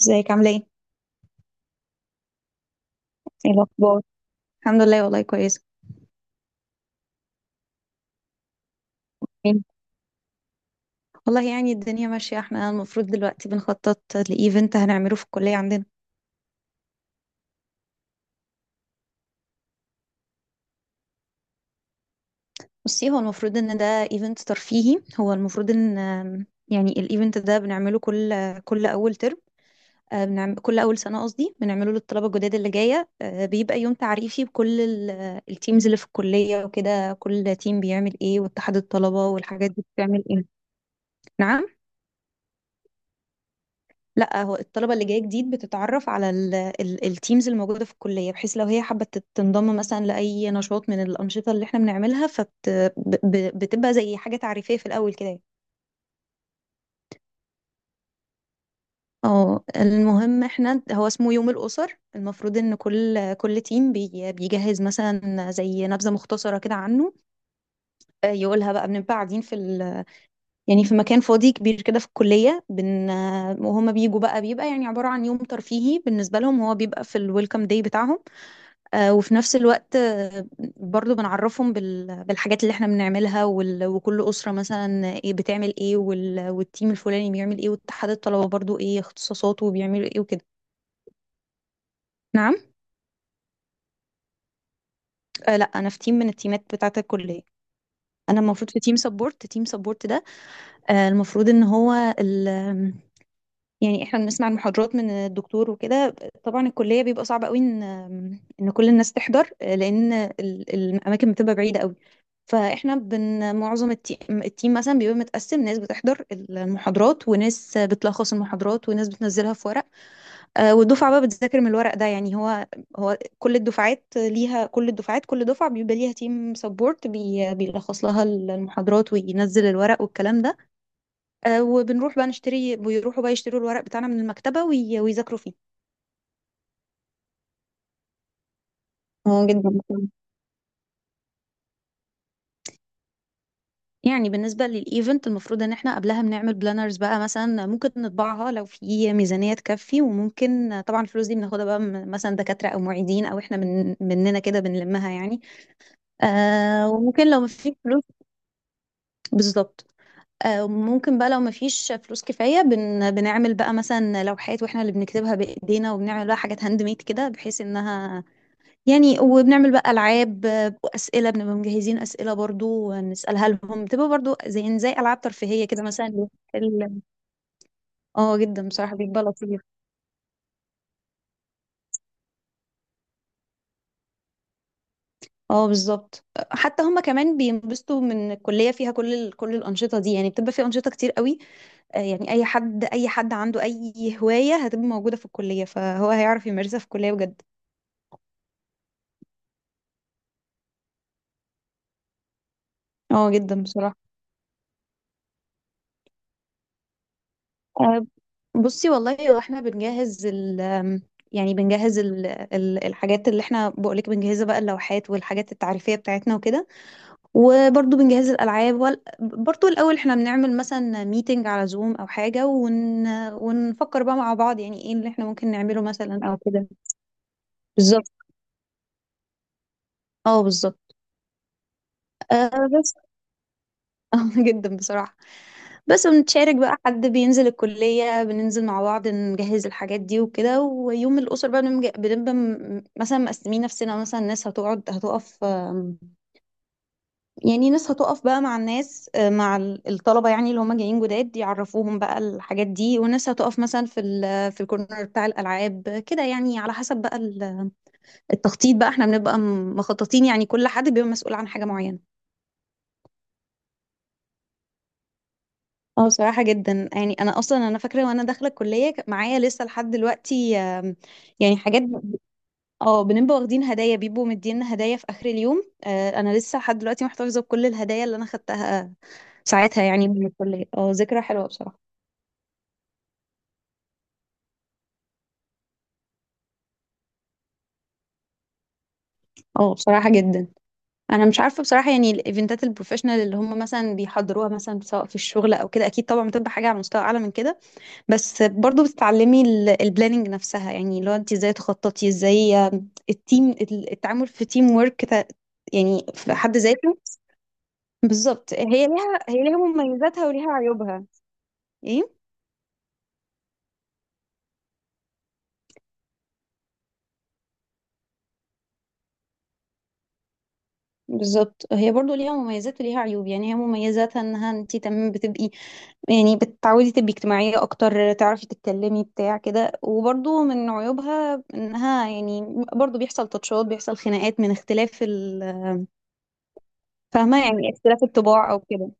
ازيك عامله ايه؟ ايه الاخبار؟ الحمد لله، والله كويسه. إيه؟ والله يعني الدنيا ماشيه، احنا المفروض دلوقتي بنخطط لايفنت هنعمله في الكليه عندنا. بصي، هو المفروض ان ده ايفنت ترفيهي، هو المفروض ان يعني الايفنت ده بنعمله كل اول ترم. بنعمل كل اول سنه، قصدي بنعمله للطلبه الجداد اللي جايه، بيبقى يوم تعريفي بكل التيمز اللي في الكليه وكده، كل تيم بيعمل ايه واتحاد الطلبه والحاجات دي بتعمل ايه. نعم. لا، هو الطلبة اللي جاية جديد بتتعرف على ال التيمز الموجودة في الكلية، بحيث لو هي حابة تنضم مثلا لأي نشاط من الأنشطة اللي احنا بنعملها، بتبقى زي حاجة تعريفية في الأول كده. اه، المهم احنا هو اسمه يوم الأسر، المفروض ان كل تيم بيجهز مثلا زي نبذة مختصرة كده عنه. يقولها بقى، بنبقى قاعدين في ال، يعني في مكان فاضي كبير كده في الكلية، وهم بيجوا بقى، بيبقى يعني عبارة عن يوم ترفيهي بالنسبة لهم، هو بيبقى في الويلكم داي بتاعهم. وفي نفس الوقت، برضو بنعرفهم بالحاجات اللي احنا بنعملها، وكل أسرة مثلا ايه بتعمل ايه، والتيم الفلاني بيعمل ايه، واتحاد الطلبة برضو ايه اختصاصاته وبيعملوا ايه وكده. نعم. آه لا، انا في تيم من التيمات بتاعة الكلية. انا المفروض في تيم سبورت، تيم سبورت ده. آه، المفروض ان هو، يعني احنا بنسمع المحاضرات من الدكتور وكده. طبعا الكلية بيبقى صعب قوي ان كل الناس تحضر، لان الاماكن بتبقى بعيدة قوي. فاحنا بن، معظم التيم مثلا بيبقى متقسم، ناس بتحضر المحاضرات وناس بتلخص المحاضرات وناس بتنزلها في ورق. والدفعة بقى بتذاكر من الورق ده. يعني هو، هو كل الدفعات ليها، كل الدفعات، كل دفعة بيبقى ليها تيم سبورت بيلخص لها المحاضرات وينزل الورق والكلام ده. وبنروح بقى نشتري، بيروحوا بقى يشتروا الورق بتاعنا من المكتبة ويذاكروا فيه. اه جدا بصراحة. يعني بالنسبة للإيفنت، المفروض إن إحنا قبلها بنعمل بلانرز بقى، مثلا ممكن نطبعها لو في ميزانية تكفي، وممكن طبعا الفلوس دي بناخدها بقى من مثلا دكاترة أو معيدين أو إحنا من مننا كده بنلمها يعني. آه، وممكن لو مفيش فلوس. بالظبط. آه، ممكن بقى لو مفيش فلوس كفاية، بن بنعمل بقى مثلا لوحات وإحنا اللي بنكتبها بإيدينا، وبنعمل بقى حاجات هاند ميد كده بحيث إنها، يعني. وبنعمل بقى ألعاب وأسئلة، بنبقى مجهزين أسئلة برضو نسألها لهم، بتبقى برضو زي ألعاب ترفيهية كده، مثلا ال-، ال-. اه جدا بصراحة، بيبقى لطيف. اه بالظبط. حتى هما كمان بينبسطوا من الكلية، فيها كل الأنشطة دي، يعني بتبقى في أنشطة كتير قوي. يعني أي حد عنده أي هواية هتبقى موجودة في الكلية، فهو هيعرف يمارسها في الكلية بجد. اه جدا بصراحة. آه، بصي، والله واحنا بنجهز ال، يعني بنجهز ال الحاجات اللي احنا بقولك بنجهزها بقى، اللوحات والحاجات التعريفية بتاعتنا وكده. وبرضو بنجهز الألعاب برضو الأول احنا بنعمل مثلا ميتنج على زوم أو حاجة، ون ونفكر بقى مع بعض يعني ايه اللي احنا ممكن نعمله مثلا أو كده. بالظبط. اه بالظبط. آه بس اه جدا بصراحة. بس بنتشارك بقى، حد بينزل الكلية، بننزل مع بعض نجهز الحاجات دي وكده. ويوم الأسر بقى بنبقى مثلا مقسمين نفسنا، مثلا ناس هتقعد هتقف، يعني ناس هتقف بقى مع الناس، مع الطلبة يعني اللي هم جايين جداد، يعرفوهم بقى الحاجات دي، وناس هتقف مثلا في الكورنر بتاع الألعاب كده، يعني على حسب بقى التخطيط بقى. احنا بنبقى مخططين، يعني كل حد بيبقى مسؤول عن حاجة معينة. اه بصراحة جدا. يعني انا اصلا انا فاكرة وانا داخلة الكلية، معايا لسه لحد دلوقتي، يعني حاجات، اه بنبقى واخدين هدايا، بيبقوا مدينا هدايا في اخر اليوم. انا لسه لحد دلوقتي محتفظة بكل الهدايا اللي انا خدتها ساعتها، يعني من الكلية. اه، ذكرى حلوة بصراحة. اه بصراحة جدا. انا مش عارفة بصراحة، يعني الايفنتات البروفيشنال اللي هم مثلا بيحضروها مثلا سواء في الشغل او كده، اكيد طبعا بتبقى حاجة على مستوى اعلى من كده. بس برضو بتتعلمي البلاننج نفسها، يعني لو انت ازاي تخططي، ازاي التيم، التعامل في تيم ورك يعني في حد ذاته. بالظبط، هي ليها مميزاتها وليها عيوبها. ايه بالظبط، هي برضو ليها مميزات وليها عيوب. يعني هي مميزاتها انها انت تمام بتبقي، يعني بتتعودي تبقي اجتماعية اكتر، تعرفي تتكلمي بتاع كده. وبرضو من عيوبها انها يعني برضو بيحصل تطشات، بيحصل خناقات من اختلاف ال-. فاهمة؟ يعني اختلاف الطباع او كده.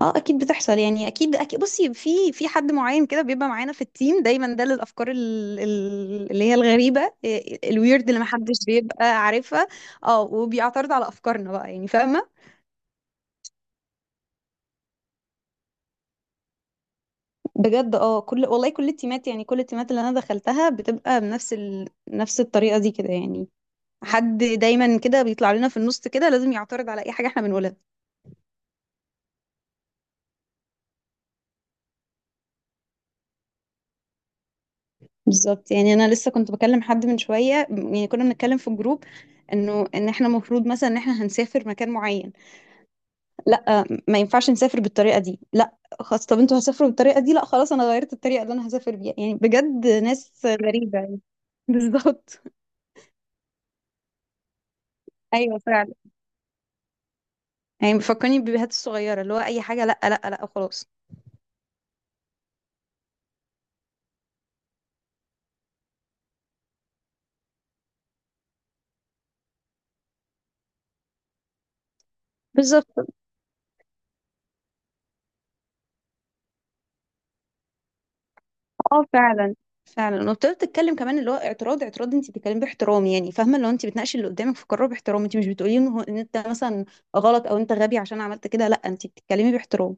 اه اكيد بتحصل، يعني اكيد بصي، في حد معين كده بيبقى معانا في التيم دايما، ده للافكار اللي هي الغريبه، الويرد اللي محدش بيبقى عارفها. اه، وبيعترض على افكارنا بقى، يعني فاهمه. بجد اه، كل والله كل التيمات، يعني كل التيمات اللي انا دخلتها بتبقى بنفس نفس الطريقه دي كده، يعني حد دايما كده بيطلع لنا في النص كده، لازم يعترض على اي حاجه احنا بنقولها. بالظبط، يعني انا لسه كنت بكلم حد من شويه، يعني كنا بنتكلم في الجروب، انه ان احنا المفروض مثلا ان احنا هنسافر مكان معين. لا ما ينفعش نسافر بالطريقه دي. لا خلاص، طب انتوا هتسافروا بالطريقه دي، لا خلاص انا غيرت الطريقه اللي انا هسافر بيها. يعني بجد ناس غريبه يعني. بالظبط. ايوه فعلا، يعني بيفكرني بالبيبيهات الصغيره، اللي هو اي حاجه لا لا لا وخلاص. بالظبط. اه فعلا. فعلا، وابتديت تتكلم كمان اللي هو اعتراض اعتراض. انت بتتكلمي باحترام، يعني فاهمه؟ لو انت بتناقشي اللي قدامك في قرار باحترام، انت مش بتقولي ان هو-، ان انت مثلا غلط او انت غبي عشان عملت كده، لا انت بتتكلمي باحترام.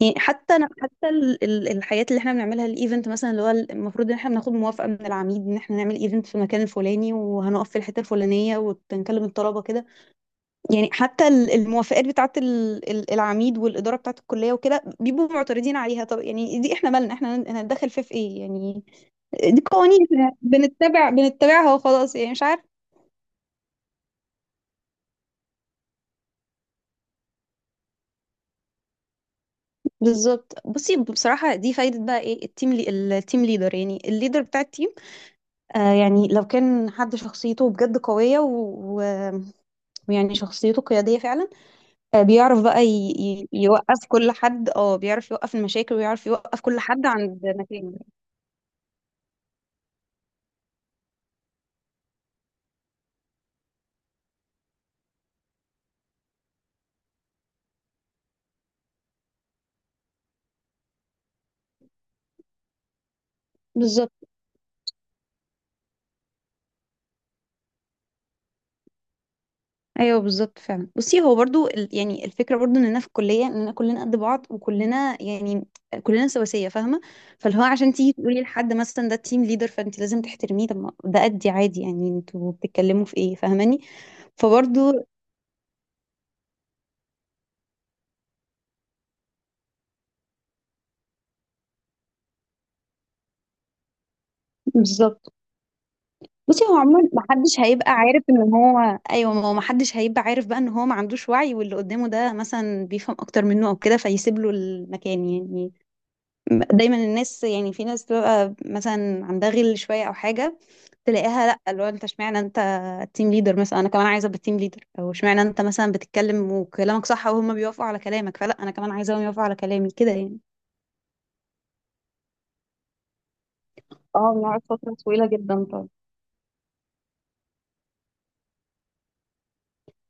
يعني حتى حتى الحاجات اللي احنا بنعملها الايفنت مثلا، اللي هو المفروض ان احنا بناخد موافقه من العميد ان احنا نعمل ايفنت في المكان الفلاني وهنقف في الحته الفلانيه وبنكلم الطلبه كده. يعني حتى الموافقات بتاعه العميد والاداره بتاعه الكليه وكده، بيبقوا معترضين عليها. طب يعني دي، احنا مالنا؟ احنا هنتدخل فيه في ايه يعني؟ دي قوانين احنا بنتبعها وخلاص، يعني مش عارف. بالظبط، بصي بصراحه، دي فايده بقى ايه التيم ليدر، يعني الليدر بتاع التيم. يعني لو كان حد شخصيته بجد قوية ويعني شخصيته قيادية فعلا، بيعرف بقى يوقف كل حد. اه بيعرف يوقف المشاكل ويعرف يوقف كل حد عند مكانه. بالظبط، ايوه بالظبط فعلا. بصي هو برضو ال-، يعني الفكرة برضو اننا في الكلية اننا كلنا قد بعض، وكلنا يعني كلنا سواسية، فاهمة؟ فاللي هو عشان تيجي تقولي لحد مثلا ده تيم ليدر، فانت لازم تحترميه، طب ما ده قدي عادي يعني، انتوا بتتكلموا في ايه؟ فاهماني؟ فبرضو. بالظبط. بصي هو عموما محدش هيبقى عارف ان هو، ايوه ما هو محدش هيبقى عارف بقى ان هو ما عندوش وعي، واللي قدامه ده مثلا بيفهم اكتر منه او كده، فيسيب له المكان يعني. دايما الناس، يعني في ناس بتبقى مثلا عندها غل شويه او حاجه، تلاقيها لا، اللي هو انت اشمعنى انت تيم ليدر مثلا، انا كمان عايزه ابقى تيم ليدر. او اشمعنى انت مثلا بتتكلم وكلامك صح وهم بيوافقوا على كلامك، فلا انا كمان عايزاهم يوافقوا على كلامي كده يعني. اه بنقعد فترة طويلة جدا طبعا.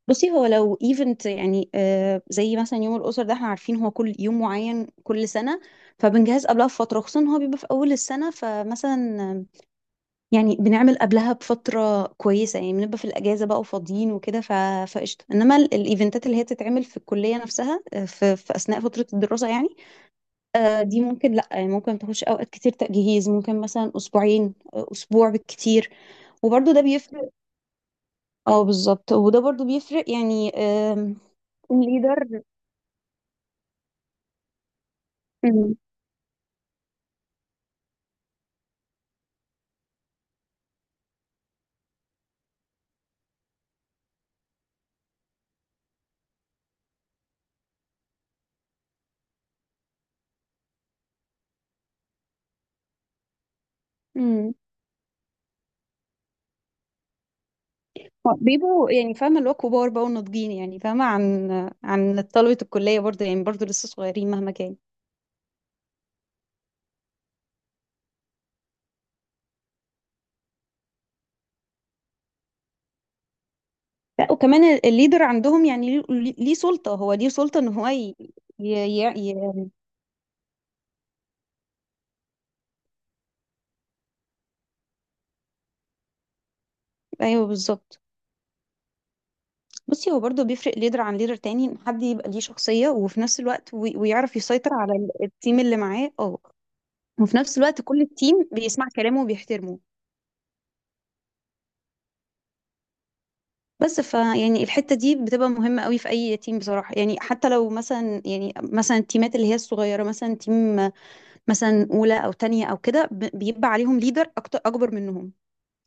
بصي هو لو ايفنت، يعني آه زي مثلا يوم الأسر ده، احنا عارفين هو كل يوم معين كل سنة، فبنجهز قبلها بفترة، خصوصا إن هو بيبقى في أول السنة. فمثلا، يعني بنعمل قبلها بفترة كويسة، يعني بنبقى في الأجازة بقى وفاضيين وكده، فقشطة. إنما الإيفنتات اللي هي تتعمل في الكلية نفسها، في أثناء فترة الدراسة يعني، آه دي ممكن لأ، يعني ممكن تخش أوقات كتير تجهيز، ممكن مثلا أسبوعين، أسبوع بالكتير. وبرضه ده بيفرق. اه بالظبط، وده برضه بيفرق يعني، الليدر. امم. امم. بيبقوا يعني فاهمة اللي هو كبار بقى وناضجين، يعني فاهمة، عن عن طلبة الكلية برضه يعني، برضه لسه صغيرين مهما كان. لا وكمان الليدر عندهم يعني ليه سلطة، هو ليه سلطة ان هو ي... ي... ي... ايوه بالظبط. بصي هو برضه بيفرق ليدر عن ليدر تاني، ان حد يبقى ليه شخصية وفي نفس الوقت، ويعرف يسيطر على التيم اللي معاه. اه، وفي نفس الوقت كل التيم بيسمع كلامه وبيحترمه. بس فيعني الحتة دي بتبقى مهمة قوي في أي تيم بصراحة، يعني حتى لو مثلا، يعني مثلا التيمات اللي هي الصغيرة، مثلا تيم مثلا أولى أو تانية أو كده، بيبقى عليهم ليدر أكتر أكبر منهم،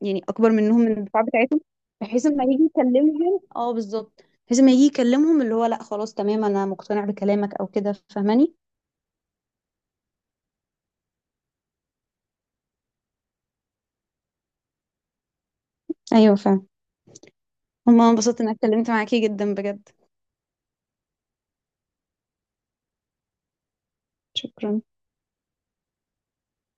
يعني أكبر منهم من الدفعة بتاعتهم، بحيث لما يجي يكلمهم. اه بالظبط، بحيث لما يجي يكلمهم اللي هو لا خلاص تمام أنا مقتنع بكلامك، أو كده، فاهماني؟ أيوه فاهم. هما انبسطت إن أنا اتكلمت معاكي جدا بجد. شكرا.